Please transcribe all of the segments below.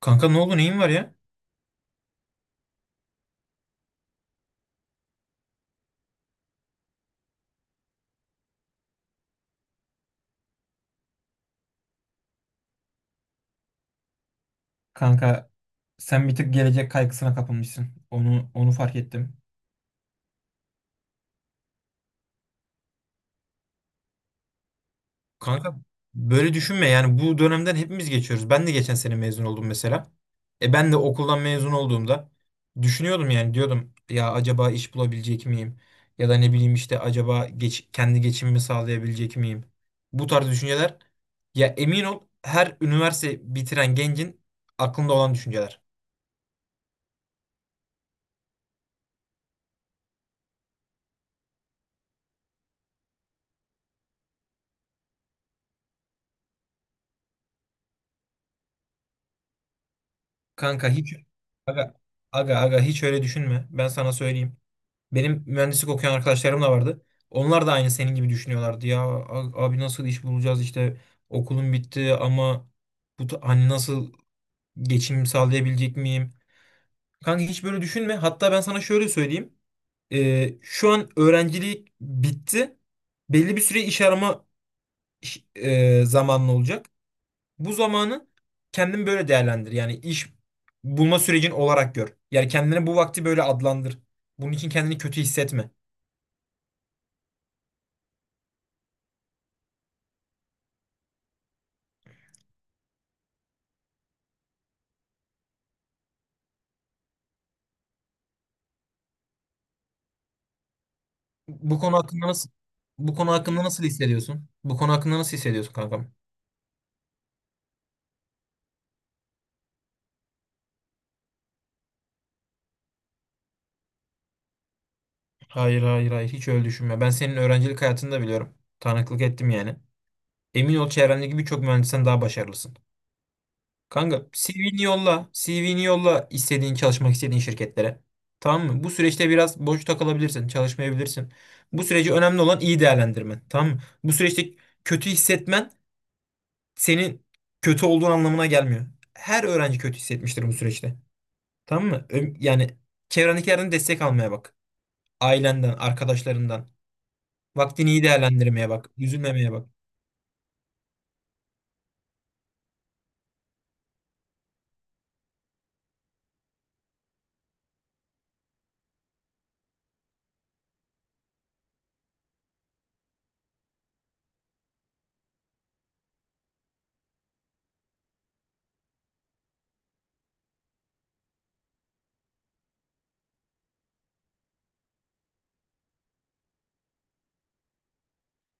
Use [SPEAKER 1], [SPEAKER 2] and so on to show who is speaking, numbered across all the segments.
[SPEAKER 1] Kanka ne oldu neyin var ya? Kanka sen bir tık gelecek kaygısına kapılmışsın. Onu fark ettim. Kanka böyle düşünme yani bu dönemden hepimiz geçiyoruz. Ben de geçen sene mezun oldum mesela. E ben de okuldan mezun olduğumda düşünüyordum yani diyordum ya acaba iş bulabilecek miyim? Ya da ne bileyim işte acaba kendi geçimimi sağlayabilecek miyim? Bu tarz düşünceler ya emin ol her üniversite bitiren gencin aklında olan düşünceler. Kanka hiç aga, aga aga hiç öyle düşünme. Ben sana söyleyeyim. Benim mühendislik okuyan arkadaşlarım da vardı. Onlar da aynı senin gibi düşünüyorlardı. Ya abi nasıl iş bulacağız işte okulum bitti ama bu hani nasıl geçim sağlayabilecek miyim? Kanka hiç böyle düşünme. Hatta ben sana şöyle söyleyeyim. Şu an öğrencilik bitti. Belli bir süre iş arama zamanlı olacak. Bu zamanı kendin böyle değerlendir. Yani iş bulma sürecin olarak gör. Yani kendine bu vakti böyle adlandır. Bunun için kendini kötü hissetme. Bu konu hakkında nasıl Bu konu hakkında nasıl hissediyorsun? Bu konu hakkında nasıl hissediyorsun kankam? Hayır hayır hayır hiç öyle düşünme. Ben senin öğrencilik hayatını da biliyorum. Tanıklık ettim yani. Emin ol çevrendeki birçok mühendisten daha başarılısın. Kanka CV'ni yolla. CV'ni yolla istediğin çalışmak istediğin şirketlere. Tamam mı? Bu süreçte biraz boş takılabilirsin. Çalışmayabilirsin. Bu süreci önemli olan iyi değerlendirmen. Tamam mı? Bu süreçte kötü hissetmen senin kötü olduğun anlamına gelmiyor. Her öğrenci kötü hissetmiştir bu süreçte. Tamam mı? Yani çevrendekilerden destek almaya bak. Ailenden, arkadaşlarından. Vaktini iyi değerlendirmeye bak. Üzülmemeye bak.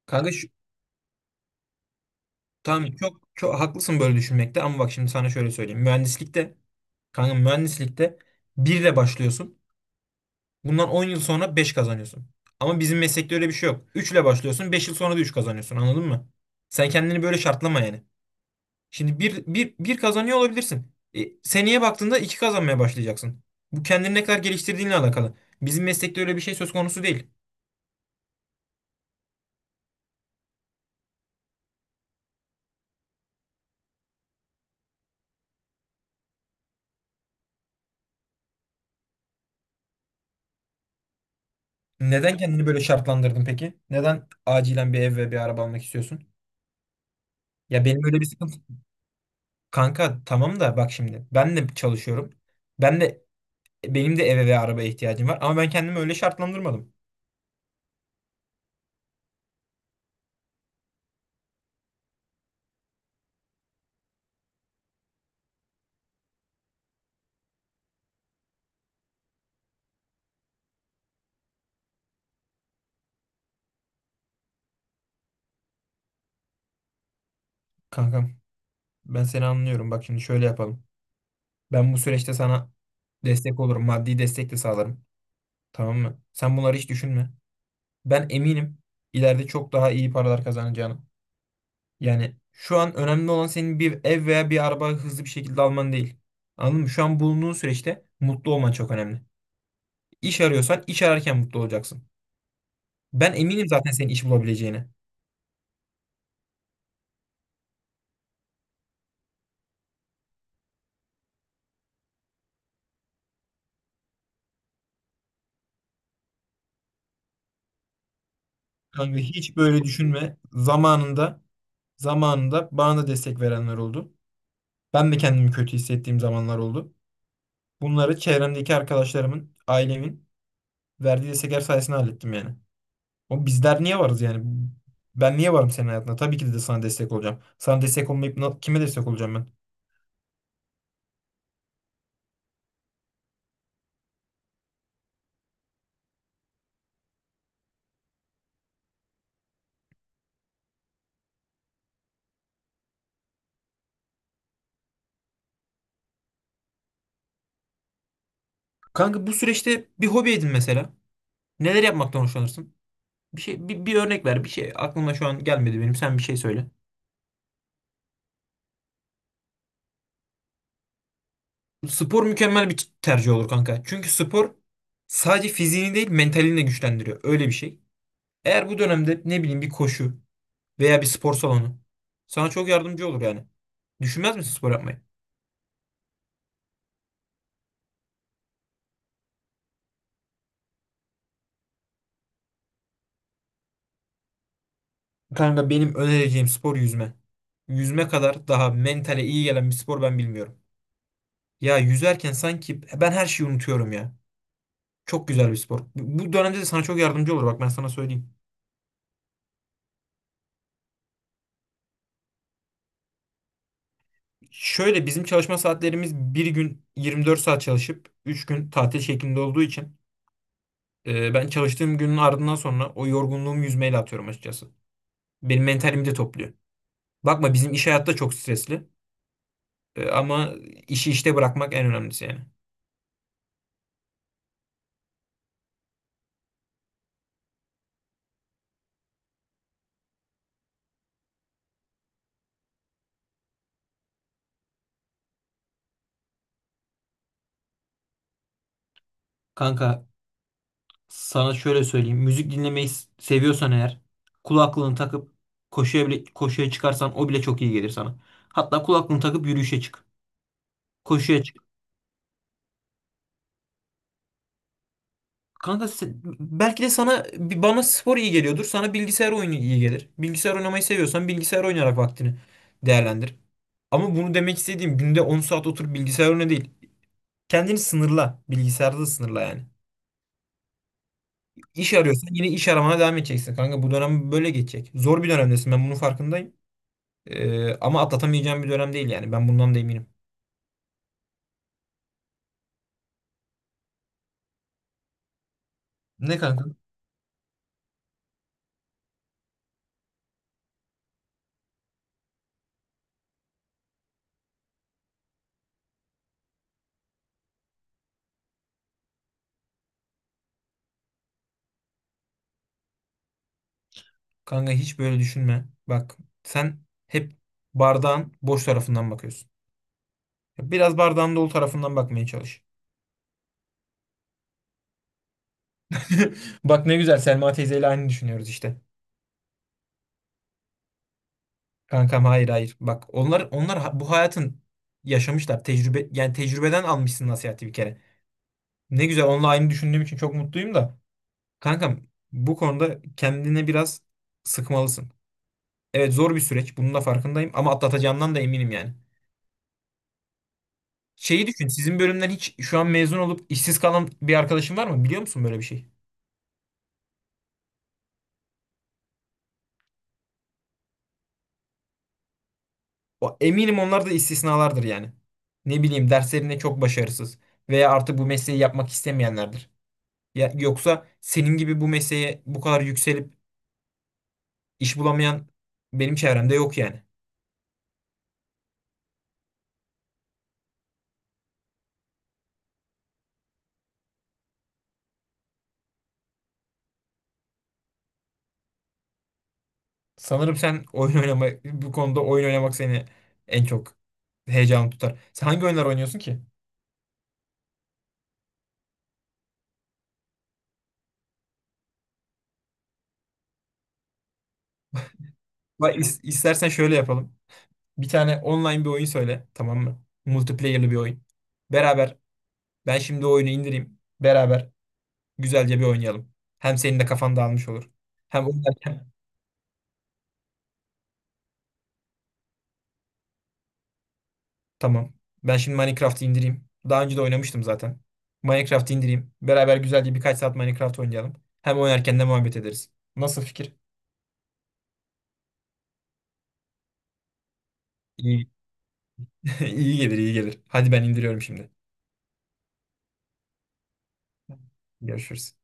[SPEAKER 1] Kanka şu, tamam çok çok haklısın böyle düşünmekte ama bak şimdi sana şöyle söyleyeyim. Kanka mühendislikte 1 ile başlıyorsun. Bundan 10 yıl sonra 5 kazanıyorsun. Ama bizim meslekte öyle bir şey yok. 3 ile başlıyorsun, 5 yıl sonra da 3 kazanıyorsun. Anladın mı? Sen kendini böyle şartlama yani. Şimdi bir kazanıyor olabilirsin. Seneye baktığında 2 kazanmaya başlayacaksın. Bu kendini ne kadar geliştirdiğinle alakalı. Bizim meslekte öyle bir şey söz konusu değil. Neden kendini böyle şartlandırdın peki? Neden acilen bir ev ve bir araba almak istiyorsun? Ya benim öyle bir sıkıntı. Kanka tamam da bak şimdi ben de çalışıyorum. Ben de Benim de eve ve arabaya ihtiyacım var. Ama ben kendimi öyle şartlandırmadım. Kankam, ben seni anlıyorum. Bak şimdi şöyle yapalım. Ben bu süreçte sana destek olurum. Maddi destek de sağlarım. Tamam mı? Sen bunları hiç düşünme. Ben eminim ileride çok daha iyi paralar kazanacağını. Yani şu an önemli olan senin bir ev veya bir araba hızlı bir şekilde alman değil. Anladın mı? Şu an bulunduğun süreçte mutlu olman çok önemli. İş arıyorsan iş ararken mutlu olacaksın. Ben eminim zaten senin iş bulabileceğine. Kanka hiç böyle düşünme. Zamanında bana da destek verenler oldu. Ben de kendimi kötü hissettiğim zamanlar oldu. Bunları çevremdeki arkadaşlarımın, ailemin verdiği destekler sayesinde hallettim yani. O bizler niye varız yani? Ben niye varım senin hayatında? Tabii ki de sana destek olacağım. Sana destek olmayıp kime destek olacağım ben? Kanka bu süreçte bir hobi edin mesela. Neler yapmaktan hoşlanırsın? Bir şey bir örnek ver. Bir şey aklıma şu an gelmedi benim. Sen bir şey söyle. Spor mükemmel bir tercih olur kanka. Çünkü spor sadece fiziğini değil mentalini de güçlendiriyor. Öyle bir şey. Eğer bu dönemde ne bileyim bir koşu veya bir spor salonu sana çok yardımcı olur yani. Düşünmez misin spor yapmayı? Kanka benim önereceğim spor yüzme. Yüzme kadar daha mentale iyi gelen bir spor ben bilmiyorum. Ya yüzerken sanki ben her şeyi unutuyorum ya. Çok güzel bir spor. Bu dönemde de sana çok yardımcı olur bak ben sana söyleyeyim. Şöyle bizim çalışma saatlerimiz bir gün 24 saat çalışıp 3 gün tatil şeklinde olduğu için ben çalıştığım günün ardından sonra o yorgunluğumu yüzmeyle atıyorum açıkçası. Benim mentalimi de topluyor. Bakma bizim iş hayatta çok stresli. Ama işi bırakmak en önemlisi yani. Kanka sana şöyle söyleyeyim. Müzik dinlemeyi seviyorsan eğer kulaklığını takıp koşuya çıkarsan o bile çok iyi gelir sana. Hatta kulaklığını takıp yürüyüşe çık. Koşuya çık. Kanka belki de bana spor iyi geliyordur. Sana bilgisayar oyunu iyi gelir. Bilgisayar oynamayı seviyorsan bilgisayar oynayarak vaktini değerlendir. Ama bunu demek istediğim günde 10 saat otur bilgisayar oyna değil. Kendini sınırla. Bilgisayarda da sınırla yani. İş arıyorsan yine iş aramana devam edeceksin kanka. Bu dönem böyle geçecek. Zor bir dönemdesin ben bunun farkındayım. Ama atlatamayacağım bir dönem değil yani. Ben bundan da eminim. Ne kanka? Kanka hiç böyle düşünme. Bak sen hep bardağın boş tarafından bakıyorsun. Biraz bardağın dolu tarafından bakmaya çalış. Bak ne güzel Selma teyzeyle aynı düşünüyoruz işte. Kankam hayır hayır. Bak bu hayatın yaşamışlar. Tecrübe yani tecrübeden almışsın nasihati bir kere. Ne güzel onunla aynı düşündüğüm için çok mutluyum da. Kankam bu konuda kendine biraz sıkmalısın. Evet zor bir süreç. Bunun da farkındayım ama atlatacağından da eminim yani. Şeyi düşün. Sizin bölümden hiç şu an mezun olup işsiz kalan bir arkadaşın var mı? Biliyor musun böyle bir şey? Eminim onlar da istisnalardır yani. Ne bileyim derslerinde çok başarısız veya artık bu mesleği yapmak istemeyenlerdir. Ya, yoksa senin gibi bu mesleğe bu kadar yükselip iş bulamayan benim çevremde yok yani. Sanırım sen oyun oynama bu konuda oyun oynamak seni en çok heyecan tutar. Sen hangi oyunlar oynuyorsun ki? Bak, istersen şöyle yapalım. Bir tane online bir oyun söyle, tamam mı? Multiplayer'lı bir oyun. Beraber ben şimdi o oyunu indireyim. Beraber güzelce bir oynayalım. Hem senin de kafan dağılmış olur. Hem oynarken. Tamam. Ben şimdi Minecraft'ı indireyim. Daha önce de oynamıştım zaten. Minecraft'ı indireyim. Beraber güzelce birkaç saat Minecraft oynayalım. Hem oynarken de muhabbet ederiz. Nasıl fikir? İyi. iyi gelir, iyi gelir. Hadi ben indiriyorum şimdi. Görüşürüz.